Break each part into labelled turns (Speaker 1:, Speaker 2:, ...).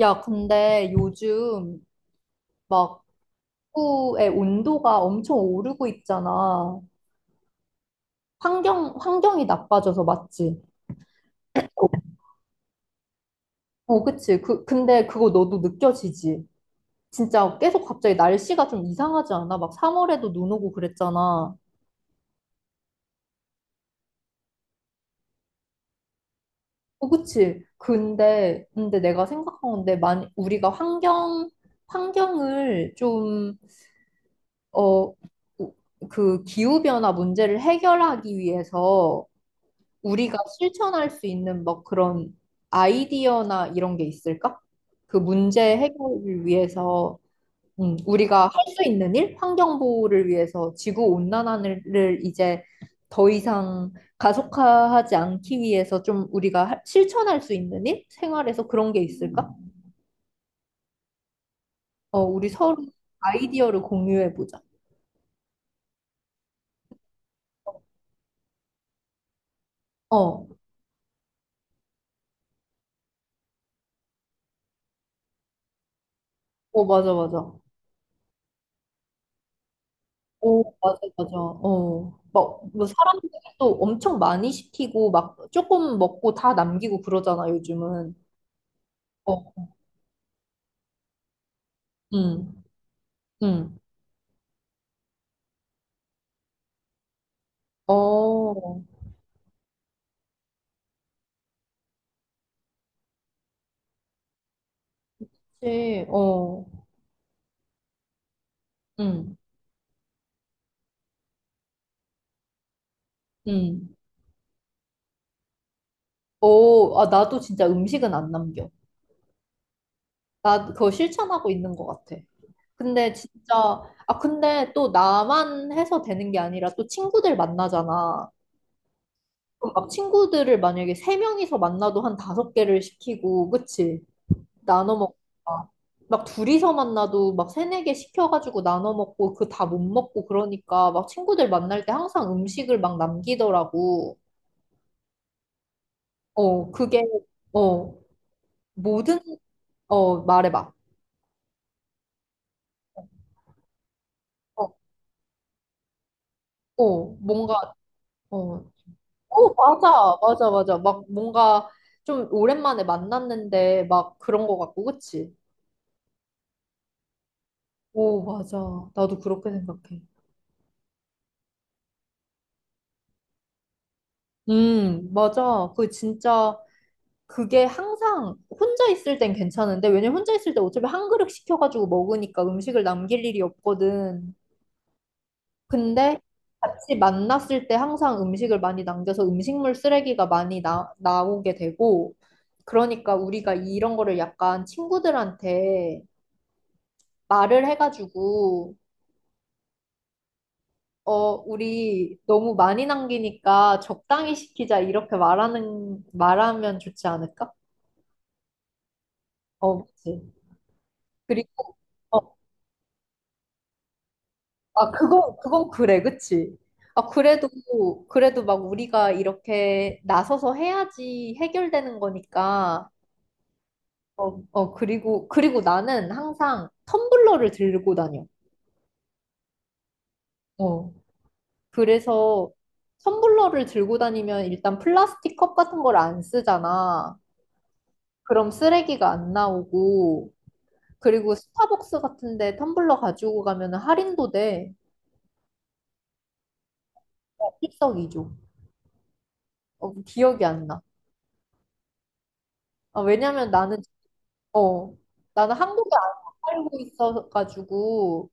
Speaker 1: 야, 근데 요즘 막 지구의 온도가 엄청 오르고 있잖아. 환경이 나빠져서 맞지? 어, 어, 그치. 근데 그거 너도 느껴지지? 진짜 계속 갑자기 날씨가 좀 이상하지 않아? 막 3월에도 눈 오고 그랬잖아. 어, 그치. 근데 내가 생각한 건데, 우리가 환경을 좀, 어, 그 기후변화 문제를 해결하기 위해서 우리가 실천할 수 있는 뭐 그런 아이디어나 이런 게 있을까? 그 문제 해결을 위해서 우리가 할 수 있는 일, 환경 보호를 위해서 지구 온난화를 이제 더 이상 가속화하지 않기 위해서 좀 우리가 실천할 수 있는 일, 생활에서 그런 게 있을까? 어, 우리 서로 아이디어를 공유해 보자. 어, 어, 맞아, 맞아. 오, 맞아, 맞아. 어. 막, 뭐, 사람들도 엄청 많이 시키고, 막, 조금 먹고 다 남기고 그러잖아, 요즘은. 어, 응, 응. 어, 그치, 어, 응, 응. 어, 아, 나도 진짜 음식은 안 남겨. 나 그거 실천하고 있는 것 같아. 근데 진짜, 아, 근데 또 나만 해서 되는 게 아니라 또 친구들 만나잖아. 그럼 막 친구들을 만약에 3명이서 만나도 한 5개를 시키고, 그치? 나눠 먹고 막 둘이서 만나도 막 세네 개 시켜가지고 나눠 먹고 그 다 못 먹고 그러니까 막 친구들 만날 때 항상 음식을 막 남기더라고. 어, 그게 어 모든 말해봐. 어, 뭔가 어, 어 맞아 맞아 맞아 막 뭔가 좀 오랜만에 만났는데 막 그런 거 같고 그치? 오 맞아 나도 그렇게 생각해. 맞아 그 진짜 그게 항상 혼자 있을 땐 괜찮은데, 왜냐면 혼자 있을 때 어차피 한 그릇 시켜가지고 먹으니까 음식을 남길 일이 없거든. 근데 같이 만났을 때 항상 음식을 많이 남겨서 음식물 쓰레기가 많이 나오게 되고, 그러니까 우리가 이런 거를 약간 친구들한테 말을 해가지고, 어, 우리 너무 많이 남기니까 적당히 시키자, 이렇게 말하면 좋지 않을까? 어, 그치. 그리고 어, 아, 그건 그래, 그치? 아, 그래도, 그래도 막 우리가 이렇게 나서서 해야지 해결되는 거니까, 어, 어, 그리고 나는 항상 텀블러를 들고 다녀. 어, 그래서 텀블러를 들고 다니면 일단 플라스틱 컵 같은 걸 안 쓰잖아. 그럼 쓰레기가 안 나오고, 그리고 스타벅스 같은데 텀블러 가지고 가면 할인도 돼. 어, 일석이조. 어, 기억이 안 나. 아, 왜냐면 나는 어, 나는 한국에 안 살고 있어가지고,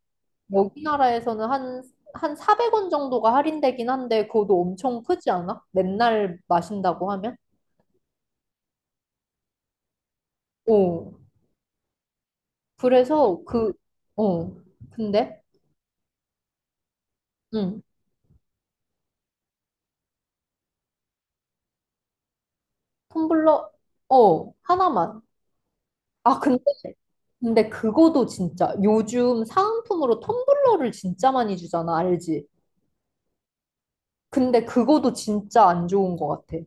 Speaker 1: 여기 나라에서는 한 400원 정도가 할인되긴 한데, 그것도 엄청 크지 않아? 맨날 마신다고 하면? 어, 그래서 그, 어, 근데, 응, 텀블러, 어, 하나만. 아, 근데 그거도 진짜, 요즘 사은품으로 텀블러를 진짜 많이 주잖아, 알지? 근데 그거도 진짜 안 좋은 것 같아.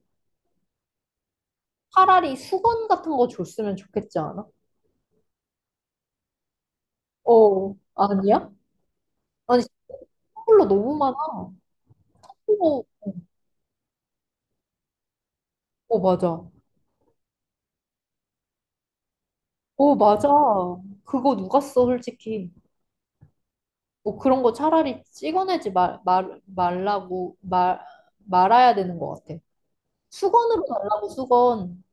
Speaker 1: 차라리 수건 같은 거 줬으면 좋겠지 않아? 어, 아니야? 아니, 싱글러 너무 많아. 어, 어, 맞아. 어, 맞아. 그거 누가 써, 솔직히. 뭐 그런 거 차라리 찍어내지 말라고, 말아야 되는 것 같아. 수건으로 달라고, 수건.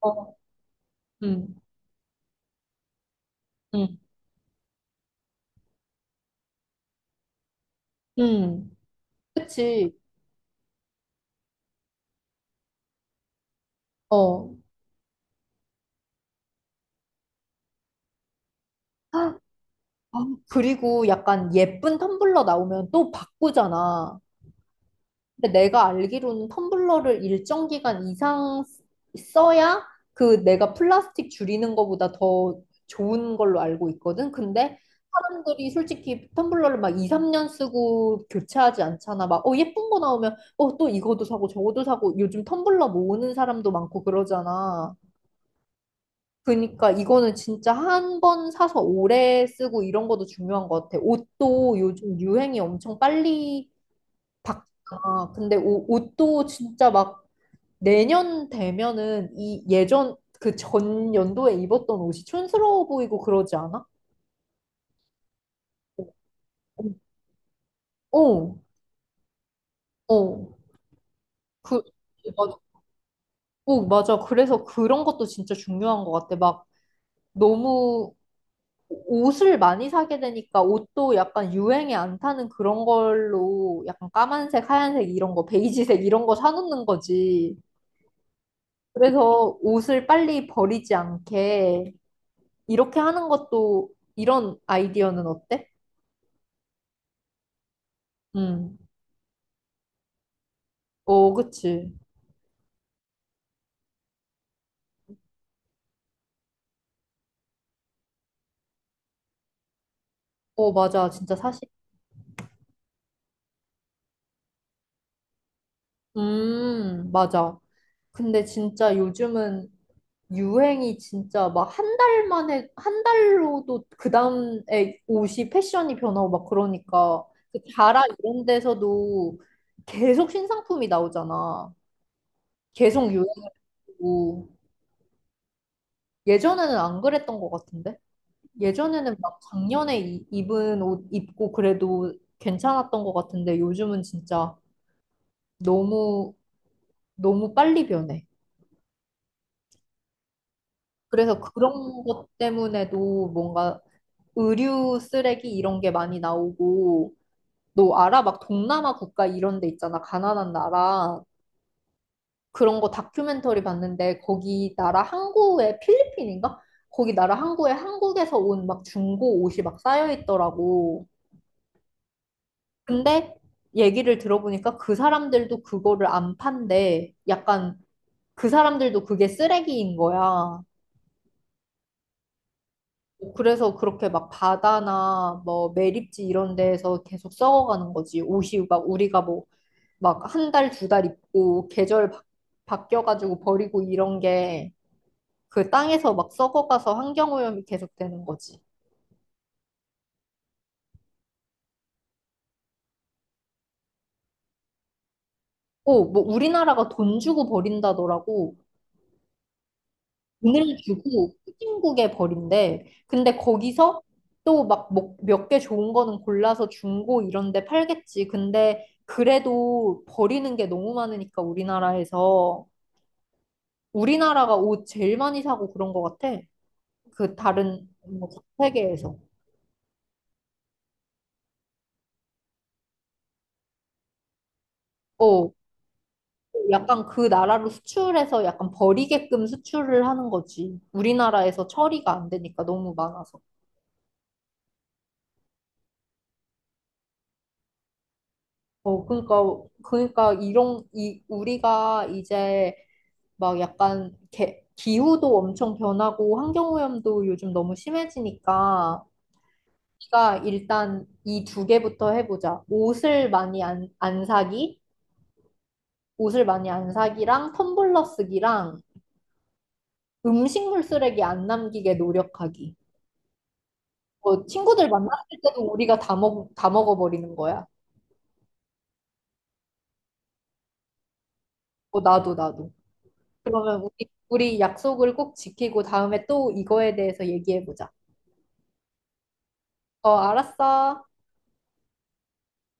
Speaker 1: 어, 응, 응, 응. 그치. 어. 아, 그리고 약간 예쁜 텀블러 나오면 또 바꾸잖아. 근데 내가 알기로는 텀블러를 일정 기간 이상 써야 그 내가 플라스틱 줄이는 것보다 더 좋은 걸로 알고 있거든. 근데 사람들이 솔직히 텀블러를 막 2, 3년 쓰고 교체하지 않잖아. 막, 어, 예쁜 거 나오면, 어, 또 이것도 사고 저것도 사고 요즘 텀블러 모으는 사람도 많고 그러잖아. 그러니까 이거는 진짜 한 번 사서 오래 쓰고 이런 것도 중요한 것 같아. 옷도 요즘 유행이 엄청 빨리 바뀌잖아. 근데 옷도 진짜 막 내년 되면은 이 예전 그 전 연도에 입었던 옷이 촌스러워 보이고 그러지 않아? 어, 어. 어. 그, 맞아. 어, 맞아. 그래서 그런 것도 진짜 중요한 것 같아. 막 너무 옷을 많이 사게 되니까 옷도 약간 유행에 안 타는 그런 걸로 약간 까만색, 하얀색 이런 거, 베이지색 이런 거 사놓는 거지. 그래서 옷을 빨리 버리지 않게 이렇게 하는 것도 이런 아이디어는 어때? 음. 어, 그치. 어, 맞아. 진짜 사실. 맞아. 근데 진짜 요즘은 유행이 진짜 막 한 달 만에, 한 달로도 그 다음에 옷이 패션이 변하고 막 그러니까. 그 자라 이런 데서도 계속 신상품이 나오잖아. 계속 유행이고. 예전에는 안 그랬던 것 같은데? 예전에는 막 작년에 입은 옷 입고 그래도 괜찮았던 것 같은데 요즘은 진짜 너무 너무 빨리 변해. 그래서 그런 것 때문에도 뭔가 의류 쓰레기 이런 게 많이 나오고 너 알아? 막 동남아 국가 이런 데 있잖아. 가난한 나라. 그런 거 다큐멘터리 봤는데 거기 나라 항구에 필리핀인가? 거기 나라 항구에 한국에서 온 막 중고 옷이 막 쌓여 있더라고. 근데 얘기를 들어보니까 그 사람들도 그거를 안 판대. 약간 그 사람들도 그게 쓰레기인 거야. 그래서 그렇게 막 바다나 뭐 매립지 이런 데에서 계속 썩어가는 거지. 옷이 막 우리가 뭐 막 한 달, 두 달 입고 바뀌어가지고 버리고 이런 게 그 땅에서 막 썩어가서 환경오염이 계속되는 거지. 오, 뭐 우리나라가 돈 주고 버린다더라고. 돈을 주고 후진국에 버린대. 근데 거기서 또막 뭐 몇개 좋은 거는 골라서 중고 이런 데 팔겠지. 근데 그래도 버리는 게 너무 많으니까 우리나라에서 우리나라가 옷 제일 많이 사고 그런 것 같아. 그 다른 뭐 세계에서. 어, 약간 그 나라로 수출해서 약간 버리게끔 수출을 하는 거지. 우리나라에서 처리가 안 되니까 너무 많아서. 어, 그러니까 이런 이 우리가 이제 막 약간 기후도 엄청 변하고 환경오염도 요즘 너무 심해지니까 우리가 일단 이 2개부터 해보자. 옷을 많이 안 사기, 옷을 많이 안 사기랑 텀블러 쓰기랑 음식물 쓰레기 안 남기게 노력하기. 뭐 친구들 만났을 때도 우리가 다 먹어버리는 거야. 뭐 나도 나도. 그러면 우리 약속을 꼭 지키고 다음에 또 이거에 대해서 얘기해보자. 어, 알았어.